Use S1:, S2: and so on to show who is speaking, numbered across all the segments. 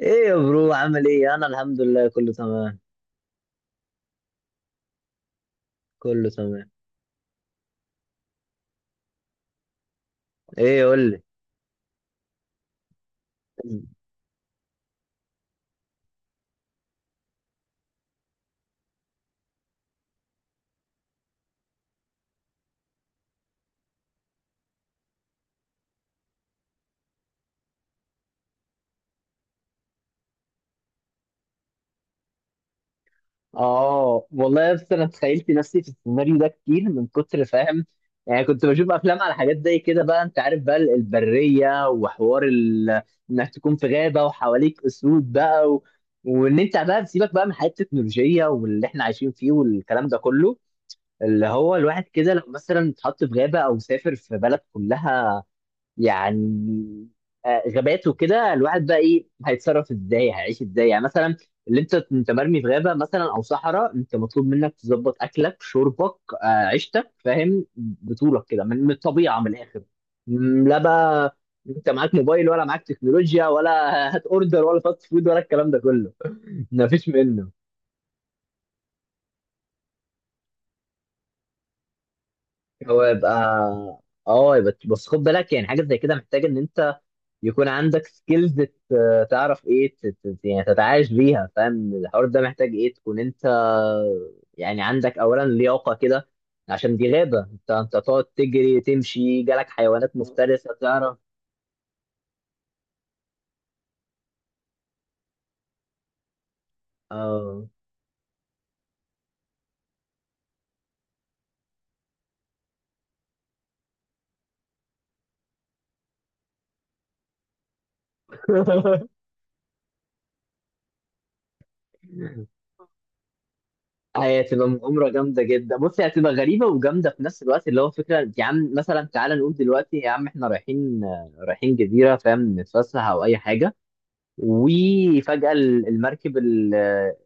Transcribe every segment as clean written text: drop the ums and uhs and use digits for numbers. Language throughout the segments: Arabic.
S1: ايه يا برو، عامل ايه؟ انا الحمد لله، كله تمام. كله تمام. ايه؟ قول لي. اه والله، بس انا تخيلت نفسي في السيناريو ده كتير من كتر، فاهم؟ يعني كنت بشوف افلام على حاجات زي كده بقى، انت عارف بقى، البريه وحوار انك تكون في غابه وحواليك اسود بقى وان انت بقى سيبك بقى من حياه التكنولوجيا واللي احنا عايشين فيه والكلام ده كله، اللي هو الواحد كده لو مثلا اتحط في غابه او سافر في بلد كلها، يعني غابات وكده الواحد بقى ايه، هيتصرف ازاي، هيعيش ازاي يعني مثلا. اللي انت مرمي في غابه مثلا او صحراء، انت مطلوب منك تظبط اكلك شربك، عيشتك، فاهم؟ بطولك كده، من الطبيعه، من الاخر. لا بقى، انت معاك موبايل ولا معاك تكنولوجيا ولا هات اوردر ولا فاست فود ولا الكلام ده كله؟ مفيش منه. هو يبقى اه يبقى، بس خد بالك، يعني حاجه زي كده محتاج ان انت يكون عندك سكيلز، تعرف ايه، يعني تتعايش بيها، فاهم؟ الحوار ده محتاج ايه؟ تكون انت يعني عندك اولا لياقه كده، عشان دي غابه، انت تقعد تجري تمشي، جالك حيوانات مفترسه تعرف. اه. هي هتبقى مغامرة جامدة جدا. بص، هي هتبقى غريبة وجامدة في نفس الوقت، اللي هو فكرة يا عم مثلا، تعالى نقول دلوقتي يا عم احنا رايحين جزيرة، فاهم؟ نتفسح أو أي حاجة. وفجأة المركب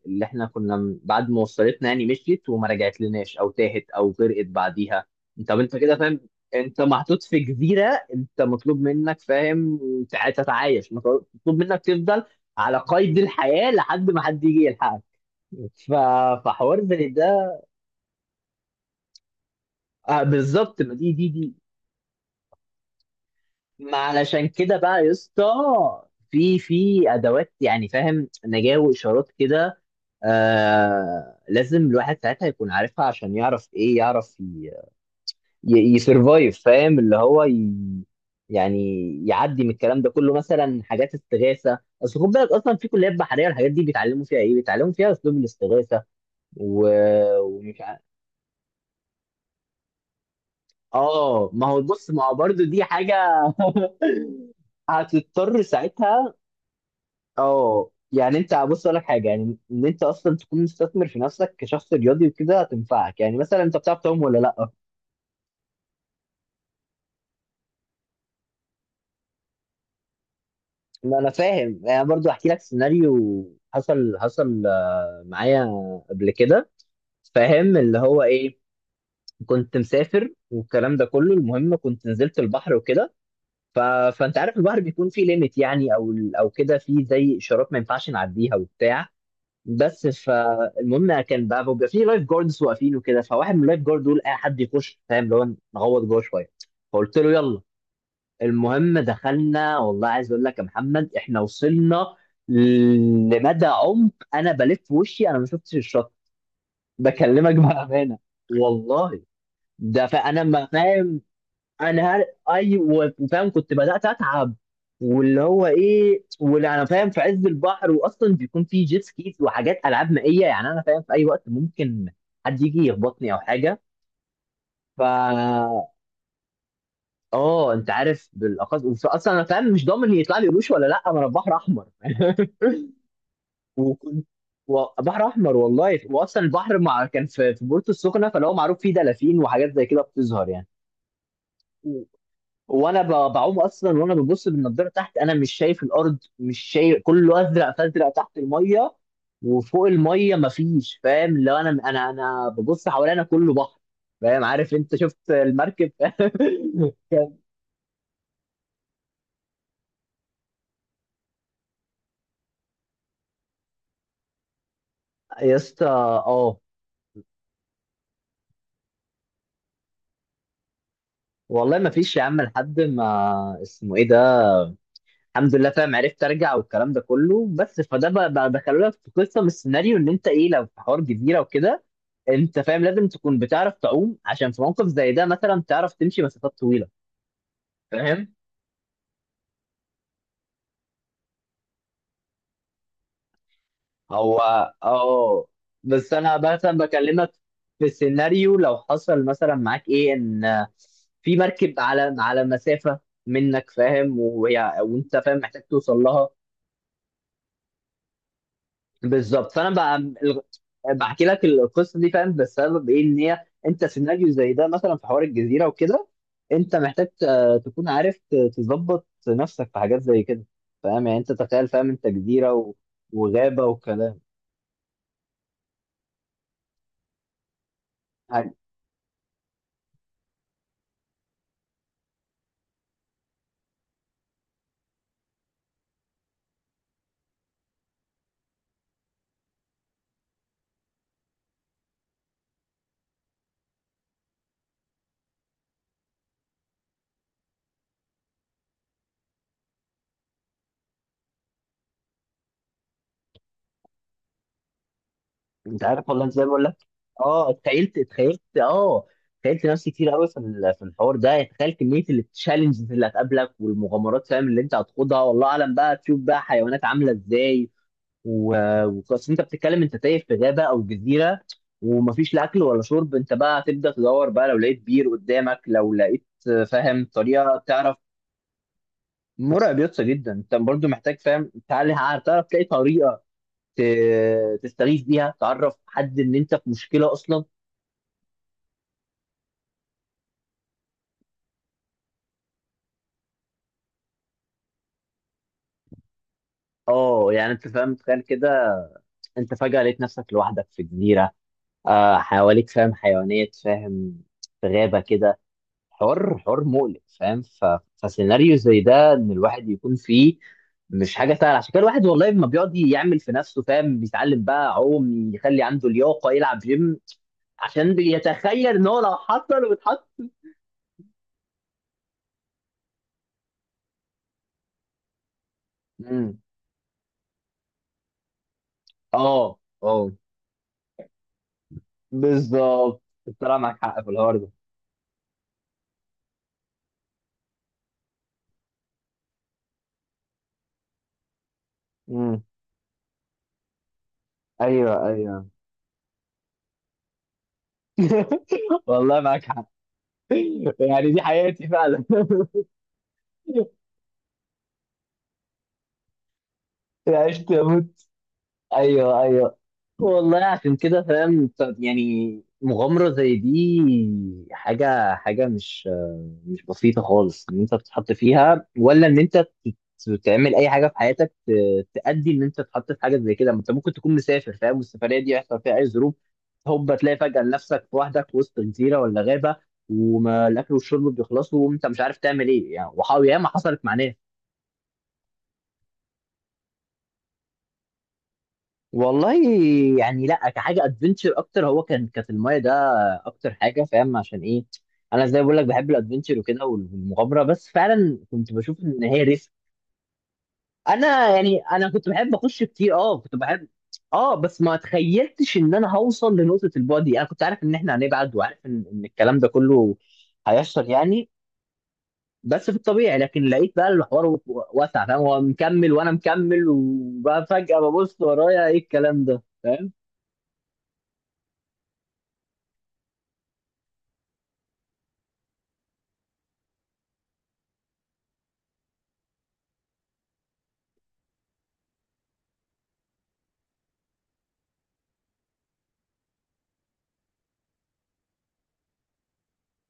S1: اللي احنا كنا بعد ما وصلتنا يعني مشيت وما رجعت لناش، او تاهت، او غرقت بعديها. طب انت كده فاهم، انت محطوط في جزيرة، انت مطلوب منك، فاهم؟ تتعايش، مطلوب منك تفضل على قيد الحياة لحد ما حد يجي يلحقك. ف- فحوار زي ده، آه بالظبط، ما دي دي. ما علشان كده بقى يا اسطى، في ادوات يعني، فاهم؟ نجاة واشارات كده. آه لازم الواحد ساعتها يكون عارفها، عشان يعرف ايه؟ يعرف يسرفايف، فاهم؟ اللي هو يعني يعدي من الكلام ده كله، مثلا حاجات استغاثه. اصل خد بالك، اصلا في كليات بحريه الحاجات دي بيتعلموا فيها ايه؟ بيتعلموا فيها اسلوب الاستغاثه و... ومش ع... اه ما هو، بص، ما هو برضه دي حاجه. هتضطر ساعتها. اه يعني، انت بص اقول لك حاجه، يعني ان انت اصلا تكون مستثمر في نفسك كشخص رياضي وكده، هتنفعك، يعني مثلا انت بتعرف تعوم ولا لا؟ ما انا فاهم، يعني برضو احكي لك سيناريو حصل. معايا قبل كده، فاهم اللي هو ايه؟ كنت مسافر والكلام ده كله، المهم كنت نزلت البحر وكده. ف... فانت عارف البحر بيكون فيه ليميت يعني، او كده، فيه زي اشارات ما ينفعش نعديها وبتاع. بس فالمهم كان بقى، بيبقى فيه لايف جاردز واقفين وكده، فواحد من اللايف جارد دول اي حد يخش، فاهم اللي هو، نغوط جوه شويه. فقلت له يلا. المهم دخلنا، والله عايز اقول لك يا محمد احنا وصلنا لمدى عمق، انا بلف وشي انا ما شفتش الشط. بكلمك بامانه. والله، ده فانا ما فاهم. ايوه، فاهم؟ كنت بدات اتعب، واللي هو ايه، واللي انا فاهم في عز البحر، واصلا بيكون في جيت سكيز وحاجات العاب مائيه، يعني انا فاهم في اي وقت ممكن حد يجي يخبطني او حاجه. ف اه، انت عارف بالاقصى اصلا انا فاهم مش ضامن يطلع لي قروش ولا لا، ما انا في بحر احمر. وكنت بحر احمر والله، واصلا البحر مع كان في بورتو السخنه، فلو معروف فيه دلافين وحاجات زي كده بتظهر يعني. و- وانا بعوم اصلا، وانا ببص بالنضاره تحت، انا مش شايف الارض، مش شايف، كله ازرق، فازرق تحت الميه وفوق الميه مفيش، فاهم؟ لو انا انا ببص حوالينا كله بحر، فاهم؟ عارف انت شفت المركب. كان يا اسطى، اه والله ما فيش يا عم لحد ما اسمه ايه ده، الحمد لله، فاهم؟ عرفت ارجع والكلام ده كله، بس فده بقى بقى دخلوا لك في قصه من السيناريو، ان انت ايه لو في حوار جزيره وكده، انت فاهم لازم تكون بتعرف تعوم، عشان في موقف زي ده مثلا تعرف تمشي مسافات طويله، فاهم؟ هو اه، بس انا مثلا بكلمك في سيناريو لو حصل مثلا معاك ايه، ان في مركب على مسافه منك، فاهم؟ وهي وانت، فاهم؟ محتاج توصل لها. بالظبط، فانا بقى بحكي لك القصه دي، فاهم بسبب ايه؟ ان هي انت سيناريو زي ده مثلا، في حوار الجزيره وكده، انت محتاج تكون عارف تظبط نفسك في حاجات زي كده، فاهم؟ يعني انت تخيل، فاهم؟ انت جزيره وغابه وكلام. عارف- انت عارف والله ازاي؟ بقول لك اه، اتخيلت، اتخيلت نفسي كتير قوي في في الحوار ده. يعني تخيل كميه التشالنجز اللي هتقابلك، والمغامرات فاهم اللي انت هتخوضها، والله اعلم بقى، تشوف بقى حيوانات عامله ازاي. وخلاص انت بتتكلم، انت تايه في غابه او جزيره، ومفيش لا اكل ولا شرب، انت بقى هتبدا تدور بقى، لو لقيت بير قدامك، لو لقيت، فاهم؟ طريقه تعرف. مرعب يسطا جدا، انت برضو محتاج، فاهم؟ تعالى تعرف تلاقي طريقه تستغيث بيها، تعرف حد ان انت في مشكله اصلا. اه يعني، انت فاهم؟ تخيل كده، انت فجاه لقيت نفسك لوحدك في جزيره، حواليك، فاهم؟ حيوانات، فاهم؟ في غابه كده، حوار حوار مقلق، فاهم؟ فسيناريو زي ده، ان الواحد يكون فيه مش حاجه سهله. عشان كده الواحد والله ما بيقعد يعمل في نفسه، فاهم؟ بيتعلم بقى عوم، يخلي عنده لياقه، يلعب جيم، عشان بيتخيل ان هو لو حصل واتحط. امم، اه اه، بالظبط. طلع معاك حق في الحوار ده. امم. ايوه ايوه. والله معاك حق، يعني دي حياتي فعلا. عشت اموت. ايوه ايوه. والله عشان كده، فاهم؟ طب يعني مغامرة زي دي، حاجة حاجة مش مش بسيطة خالص، ان انت تتحط فيها، ولا ان انت تعمل اي حاجة في حياتك، تأدي ان انت تتحط في حاجة زي كده. ما انت ممكن تكون مسافر، فاهم؟ والسفرية دي يحصل فيها اي ظروف، هوب تلاقي فجأة نفسك لوحدك في وسط جزيرة ولا غابة، وما الاكل والشرب بيخلصوا، وانت مش عارف تعمل ايه يعني، وحاول ياما حصلت مع ناس. والله، يعني لا كحاجه ادفنتشر اكتر، هو كان كانت المايه ده اكتر حاجه، فاهم عشان ايه؟ انا زي ما بقول لك بحب الادفنتشر وكده والمغامره، بس فعلا كنت بشوف ان هي ريسك. انا يعني انا كنت بحب اخش كتير، اه كنت بحب. اه بس ما تخيلتش ان انا هوصل لنقطه البعد دي. انا كنت عارف ان احنا هنبعد، وعارف ان الكلام ده كله هيحصل يعني، بس في الطبيعي. لكن لقيت بقى الحوار واسع، فاهم؟ هو مكمل وانا مكمل، وبقى فجاه ببص ورايا، ايه الكلام ده؟ فاهم؟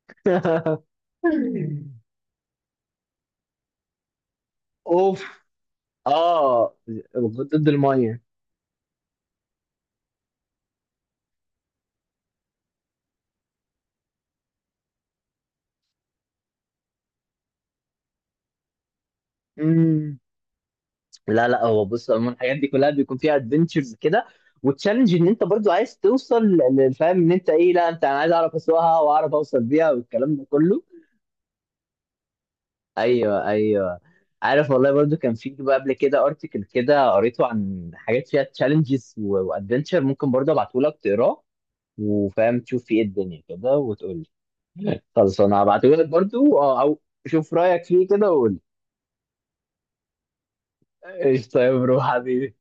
S1: اوف. اه، ضد الميه. مم. لا لا، هو بص عموما الحاجات دي كلها بيكون فيها ادفنتشرز كده، وتشالنج ان انت برضو عايز توصل فاهم ان انت ايه، لا انت، انا عايز اعرف اسوقها واعرف اوصل بيها والكلام ده كله. ايوه ايوه. عارف والله برضو كان في بقى قبل كده ارتكل كده قريته عن حاجات فيها تشالنجز وادفنتشر، ممكن برضو ابعته لك تقراه، وفاهم تشوف فيه ايه الدنيا كده وتقول لي. خلاص انا هبعته لك برضو، اه او شوف رايك فيه كده وقول لي. قشطه يا برو حبيبي.